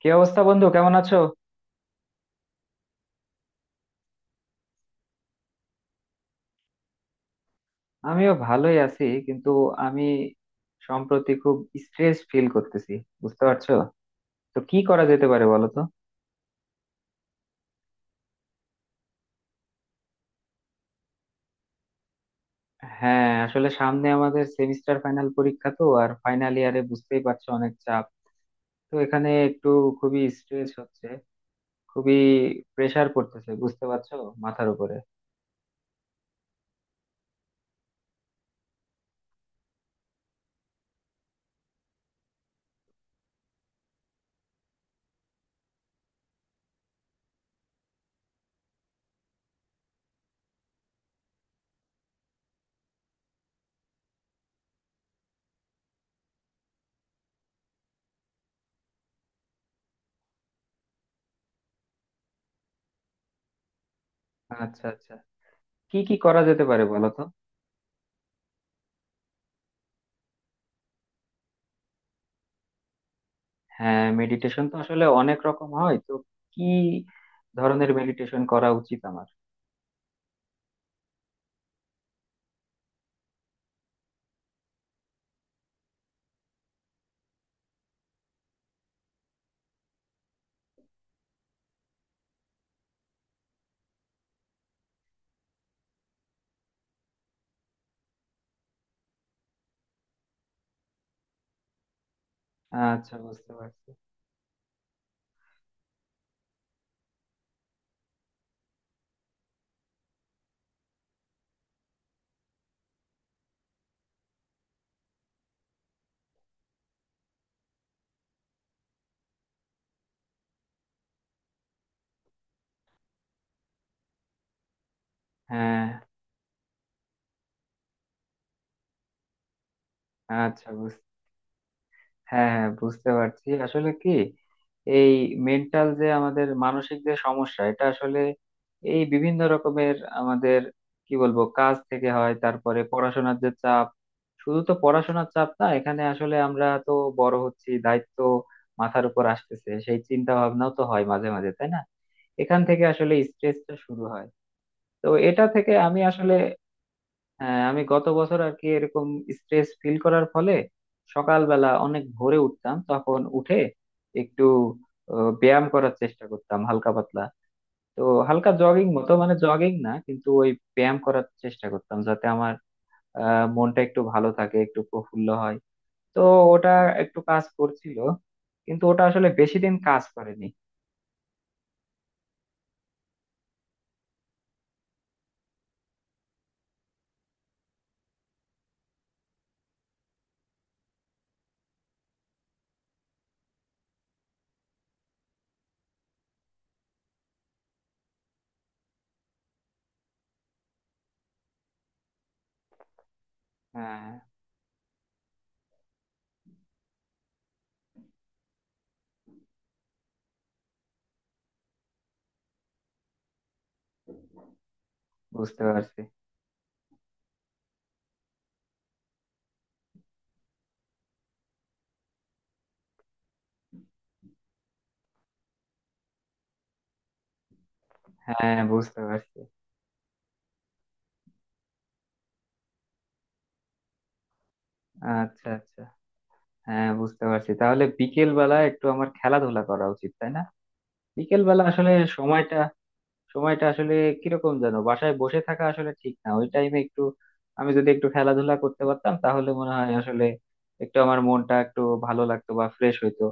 কি অবস্থা বন্ধু? কেমন আছো? আমিও ভালোই আছি, কিন্তু আমি সম্প্রতি খুব স্ট্রেস ফিল করতেছি, বুঝতে পারছো? তো কি করা যেতে পারে বলো তো। হ্যাঁ, আসলে সামনে আমাদের সেমিস্টার ফাইনাল পরীক্ষা, তো আর ফাইনাল ইয়ারে বুঝতেই পারছো অনেক চাপ। তো এখানে একটু খুবই স্ট্রেস হচ্ছে, খুবই প্রেসার পড়তেছে, বুঝতে পারছো, মাথার উপরে। আচ্ছা আচ্ছা, কি কি করা যেতে পারে বলো তো। হ্যাঁ, মেডিটেশন তো আসলে অনেক রকম হয়, তো কি ধরনের মেডিটেশন করা উচিত আমার? আচ্ছা, বুঝতে পারছি। হ্যাঁ, আচ্ছা, হ্যাঁ হ্যাঁ, বুঝতে পারছি। আসলে কি, এই মেন্টাল যে আমাদের মানসিক যে সমস্যা, এটা আসলে এই বিভিন্ন রকমের আমাদের কি বলবো কাজ থেকে হয়, তারপরে পড়াশোনার যে চাপ, শুধু তো পড়াশোনার চাপ না, এখানে আসলে আমরা তো বড় হচ্ছি, দায়িত্ব মাথার উপর আসতেছে, সেই চিন্তা ভাবনাও তো হয় মাঝে মাঝে, তাই না? এখান থেকে আসলে স্ট্রেসটা শুরু হয়। তো এটা থেকে আমি আসলে, হ্যাঁ, আমি গত বছর আর কি এরকম স্ট্রেস ফিল করার ফলে সকালবেলা অনেক ভোরে উঠতাম, তখন উঠে একটু ব্যায়াম করার চেষ্টা করতাম হালকা পাতলা। তো হালকা জগিং মতো, মানে জগিং না, কিন্তু ওই ব্যায়াম করার চেষ্টা করতাম যাতে আমার মনটা একটু ভালো থাকে, একটু প্রফুল্ল হয়। তো ওটা একটু কাজ করছিল, কিন্তু ওটা আসলে বেশি দিন কাজ করেনি। হ্যাঁ, বুঝতে পারছি। হ্যাঁ, বুঝতে পারছি। আচ্ছা আচ্ছা, হ্যাঁ বুঝতে পারছি, তাহলে বিকেল বেলা একটু আমার খেলাধুলা করা উচিত তাই না? বিকেল বেলা আসলে সময়টা, সময়টা আসলে কিরকম যেন, বাসায় বসে থাকা আসলে ঠিক না ওই টাইমে। একটু আমি যদি একটু খেলাধুলা করতে পারতাম তাহলে মনে হয় আসলে একটু আমার মনটা একটু ভালো লাগতো বা ফ্রেশ হইতো,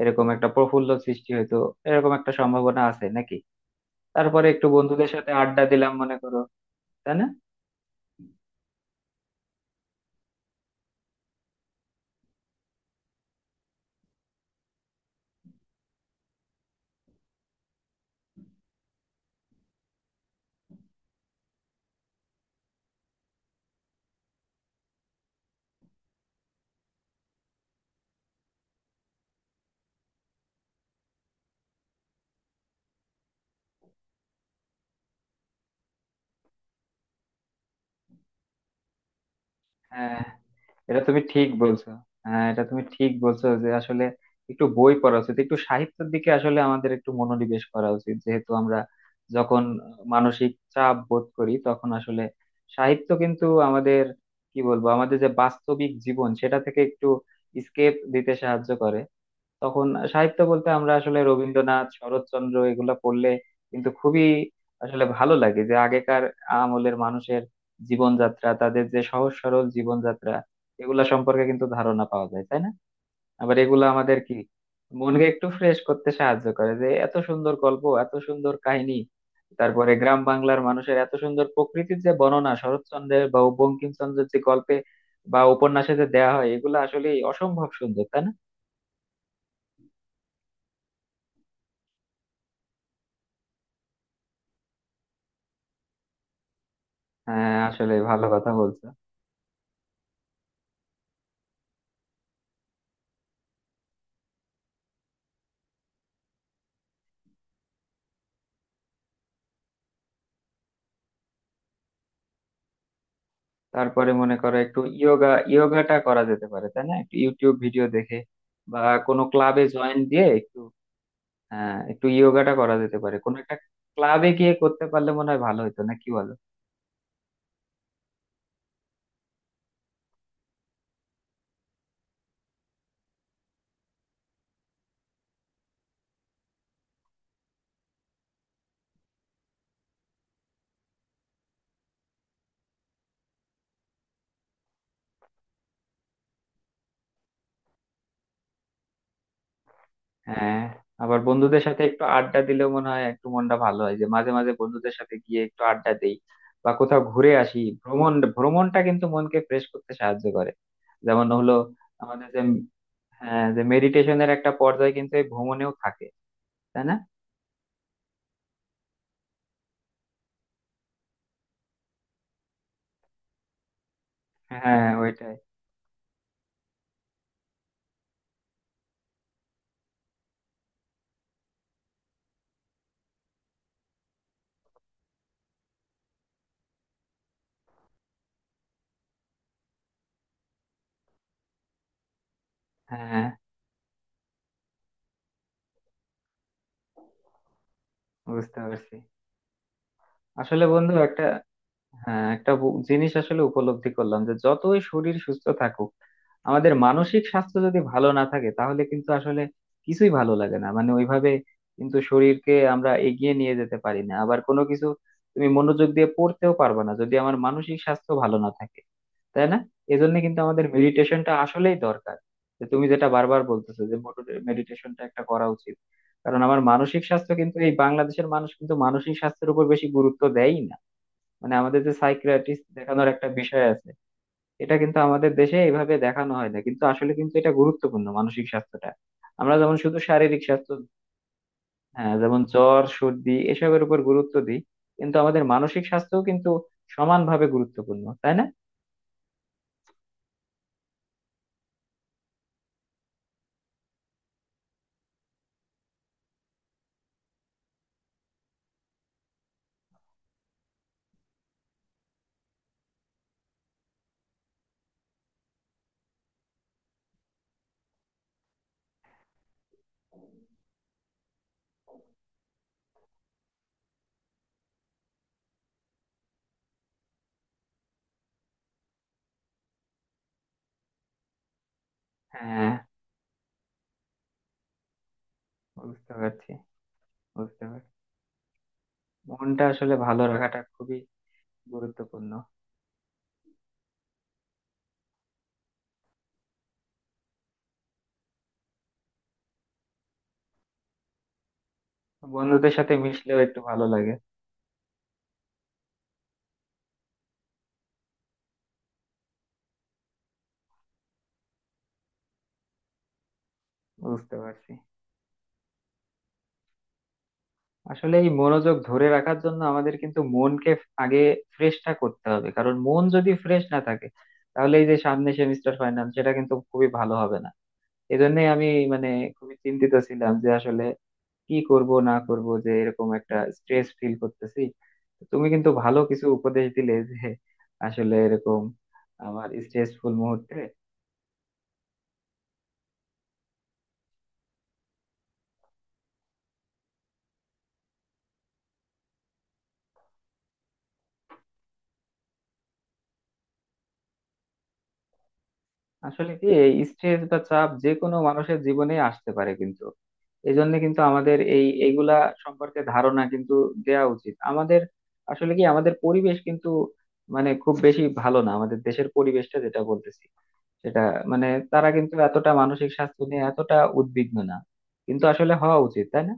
এরকম একটা প্রফুল্ল সৃষ্টি হইতো, এরকম একটা সম্ভাবনা আছে নাকি? তারপরে একটু বন্ধুদের সাথে আড্ডা দিলাম মনে করো, তাই না? হ্যাঁ, এটা তুমি ঠিক বলছো। হ্যাঁ এটা তুমি ঠিক বলছো যে আসলে একটু বই পড়া উচিত, একটু সাহিত্যের দিকে আসলে আমাদের একটু মনোনিবেশ করা উচিত, যেহেতু আমরা যখন মানসিক চাপ বোধ করি তখন আসলে সাহিত্য কিন্তু আমাদের কি বলবো আমাদের যে বাস্তবিক জীবন সেটা থেকে একটু স্কেপ দিতে সাহায্য করে। তখন সাহিত্য বলতে আমরা আসলে রবীন্দ্রনাথ, শরৎচন্দ্র এগুলা পড়লে কিন্তু খুবই আসলে ভালো লাগে, যে আগেকার আমলের মানুষের জীবনযাত্রা, তাদের যে সহজ সরল জীবনযাত্রা, এগুলা সম্পর্কে কিন্তু ধারণা পাওয়া যায়, তাই না? আবার এগুলা আমাদের কি মনকে একটু ফ্রেশ করতে সাহায্য করে, যে এত সুন্দর গল্প, এত সুন্দর কাহিনী। তারপরে গ্রাম বাংলার মানুষের এত সুন্দর প্রকৃতির যে বর্ণনা শরৎচন্দ্রের বা বঙ্কিমচন্দ্রের যে গল্পে বা উপন্যাসে যে দেয়া হয়, এগুলো আসলে অসম্ভব সুন্দর তাই না? হ্যাঁ, আসলে ভালো কথা বলছো। তারপরে মনে করো একটু ইয়োগা, ইয়োগাটা করা যেতে পারে তাই না, একটু ইউটিউব ভিডিও দেখে বা কোনো ক্লাবে জয়েন দিয়ে একটু একটু ইয়োগাটা করা যেতে পারে, কোনো একটা ক্লাবে গিয়ে করতে পারলে মনে হয় ভালো হতো, না কি বলো? হ্যাঁ, আবার বন্ধুদের সাথে একটু আড্ডা দিলেও মনে হয় একটু মনটা ভালো হয়, যে মাঝে মাঝে বন্ধুদের সাথে গিয়ে একটু আড্ডা দেই বা কোথাও ঘুরে আসি। ভ্রমণ, ভ্রমণটা কিন্তু মনকে ফ্রেশ করতে সাহায্য করে। যেমন হলো আমাদের যে, হ্যাঁ যে মেডিটেশনের একটা পর্যায় কিন্তু এই ভ্রমণেও থাকে, তাই না? হ্যাঁ, ওইটাই। হ্যাঁ, বুঝতে পারছি। আসলে বন্ধু একটা, হ্যাঁ একটা জিনিস আসলে উপলব্ধি করলাম, যে যতই শরীর সুস্থ থাকুক আমাদের মানসিক স্বাস্থ্য যদি ভালো না থাকে তাহলে কিন্তু আসলে কিছুই ভালো লাগে না, মানে ওইভাবে কিন্তু শরীরকে আমরা এগিয়ে নিয়ে যেতে পারি না। আবার কোনো কিছু তুমি মনোযোগ দিয়ে পড়তেও পারবে না যদি আমার মানসিক স্বাস্থ্য ভালো না থাকে, তাই না? এজন্য কিন্তু আমাদের মেডিটেশনটা আসলেই দরকার, যে তুমি যেটা বারবার বলতেছো যে মেডিটেশনটা একটা করা উচিত। কারণ আমার মানসিক স্বাস্থ্য কিন্তু এই বাংলাদেশের মানুষ কিন্তু মানসিক স্বাস্থ্যের উপর বেশি গুরুত্ব দেয়ই না। মানে আমাদের যে সাইকিয়াট্রিস্ট দেখানোর একটা বিষয় আছে, এটা কিন্তু আমাদের দেশে এইভাবে দেখানো হয় না, কিন্তু আসলে কিন্তু এটা গুরুত্বপূর্ণ মানসিক স্বাস্থ্যটা। আমরা যেমন শুধু শারীরিক স্বাস্থ্য, হ্যাঁ যেমন জ্বর সর্দি এসবের উপর গুরুত্ব দিই, কিন্তু আমাদের মানসিক স্বাস্থ্যও কিন্তু সমানভাবে গুরুত্বপূর্ণ, তাই না? হ্যাঁ, বুঝতে পারছি। বুঝতে পারছি, মনটা আসলে ভালো রাখাটা খুবই গুরুত্বপূর্ণ। বন্ধুদের সাথে মিশলেও একটু ভালো লাগে। বুঝতে পারছি, আসলে এই মনোযোগ ধরে রাখার জন্য আমাদের কিন্তু মনকে আগে ফ্রেশটা করতে হবে, কারণ মন যদি ফ্রেশ না থাকে তাহলে এই যে সামনে সেমিস্টার ফাইনাল, সেটা কিন্তু খুবই ভালো হবে না। এজন্যই আমি মানে খুবই চিন্তিত ছিলাম যে আসলে কি করব না করব, যে এরকম একটা স্ট্রেস ফিল করতেছি। তো তুমি কিন্তু ভালো কিছু উপদেশ দিলে যে আসলে এরকম আমার স্ট্রেসফুল মুহূর্তে। আসলে কি, এই স্ট্রেস বা চাপ যে কোনো মানুষের জীবনে আসতে পারে, কিন্তু এই জন্য কিন্তু আমাদের এই এইগুলা সম্পর্কে ধারণা কিন্তু দেয়া উচিত আমাদের। আসলে কি, আমাদের পরিবেশ কিন্তু মানে খুব বেশি ভালো না আমাদের দেশের পরিবেশটা, যেটা বলতেছি সেটা মানে তারা কিন্তু এতটা মানসিক স্বাস্থ্য নিয়ে এতটা উদ্বিগ্ন না, কিন্তু আসলে হওয়া উচিত তাই না?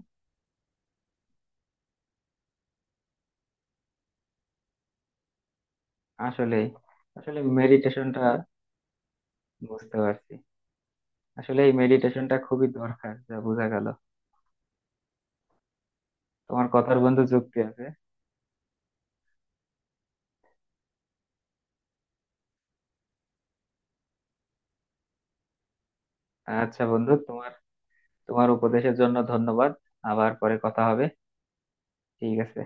আসলে, আসলে মেডিটেশনটা। বুঝতে পারছি, আসলে এই মেডিটেশনটা খুবই দরকার যা বোঝা গেল। তোমার কথার বন্ধু যুক্তি আছে। আচ্ছা বন্ধু, তোমার, তোমার উপদেশের জন্য ধন্যবাদ। আবার পরে কথা হবে। ঠিক আছে।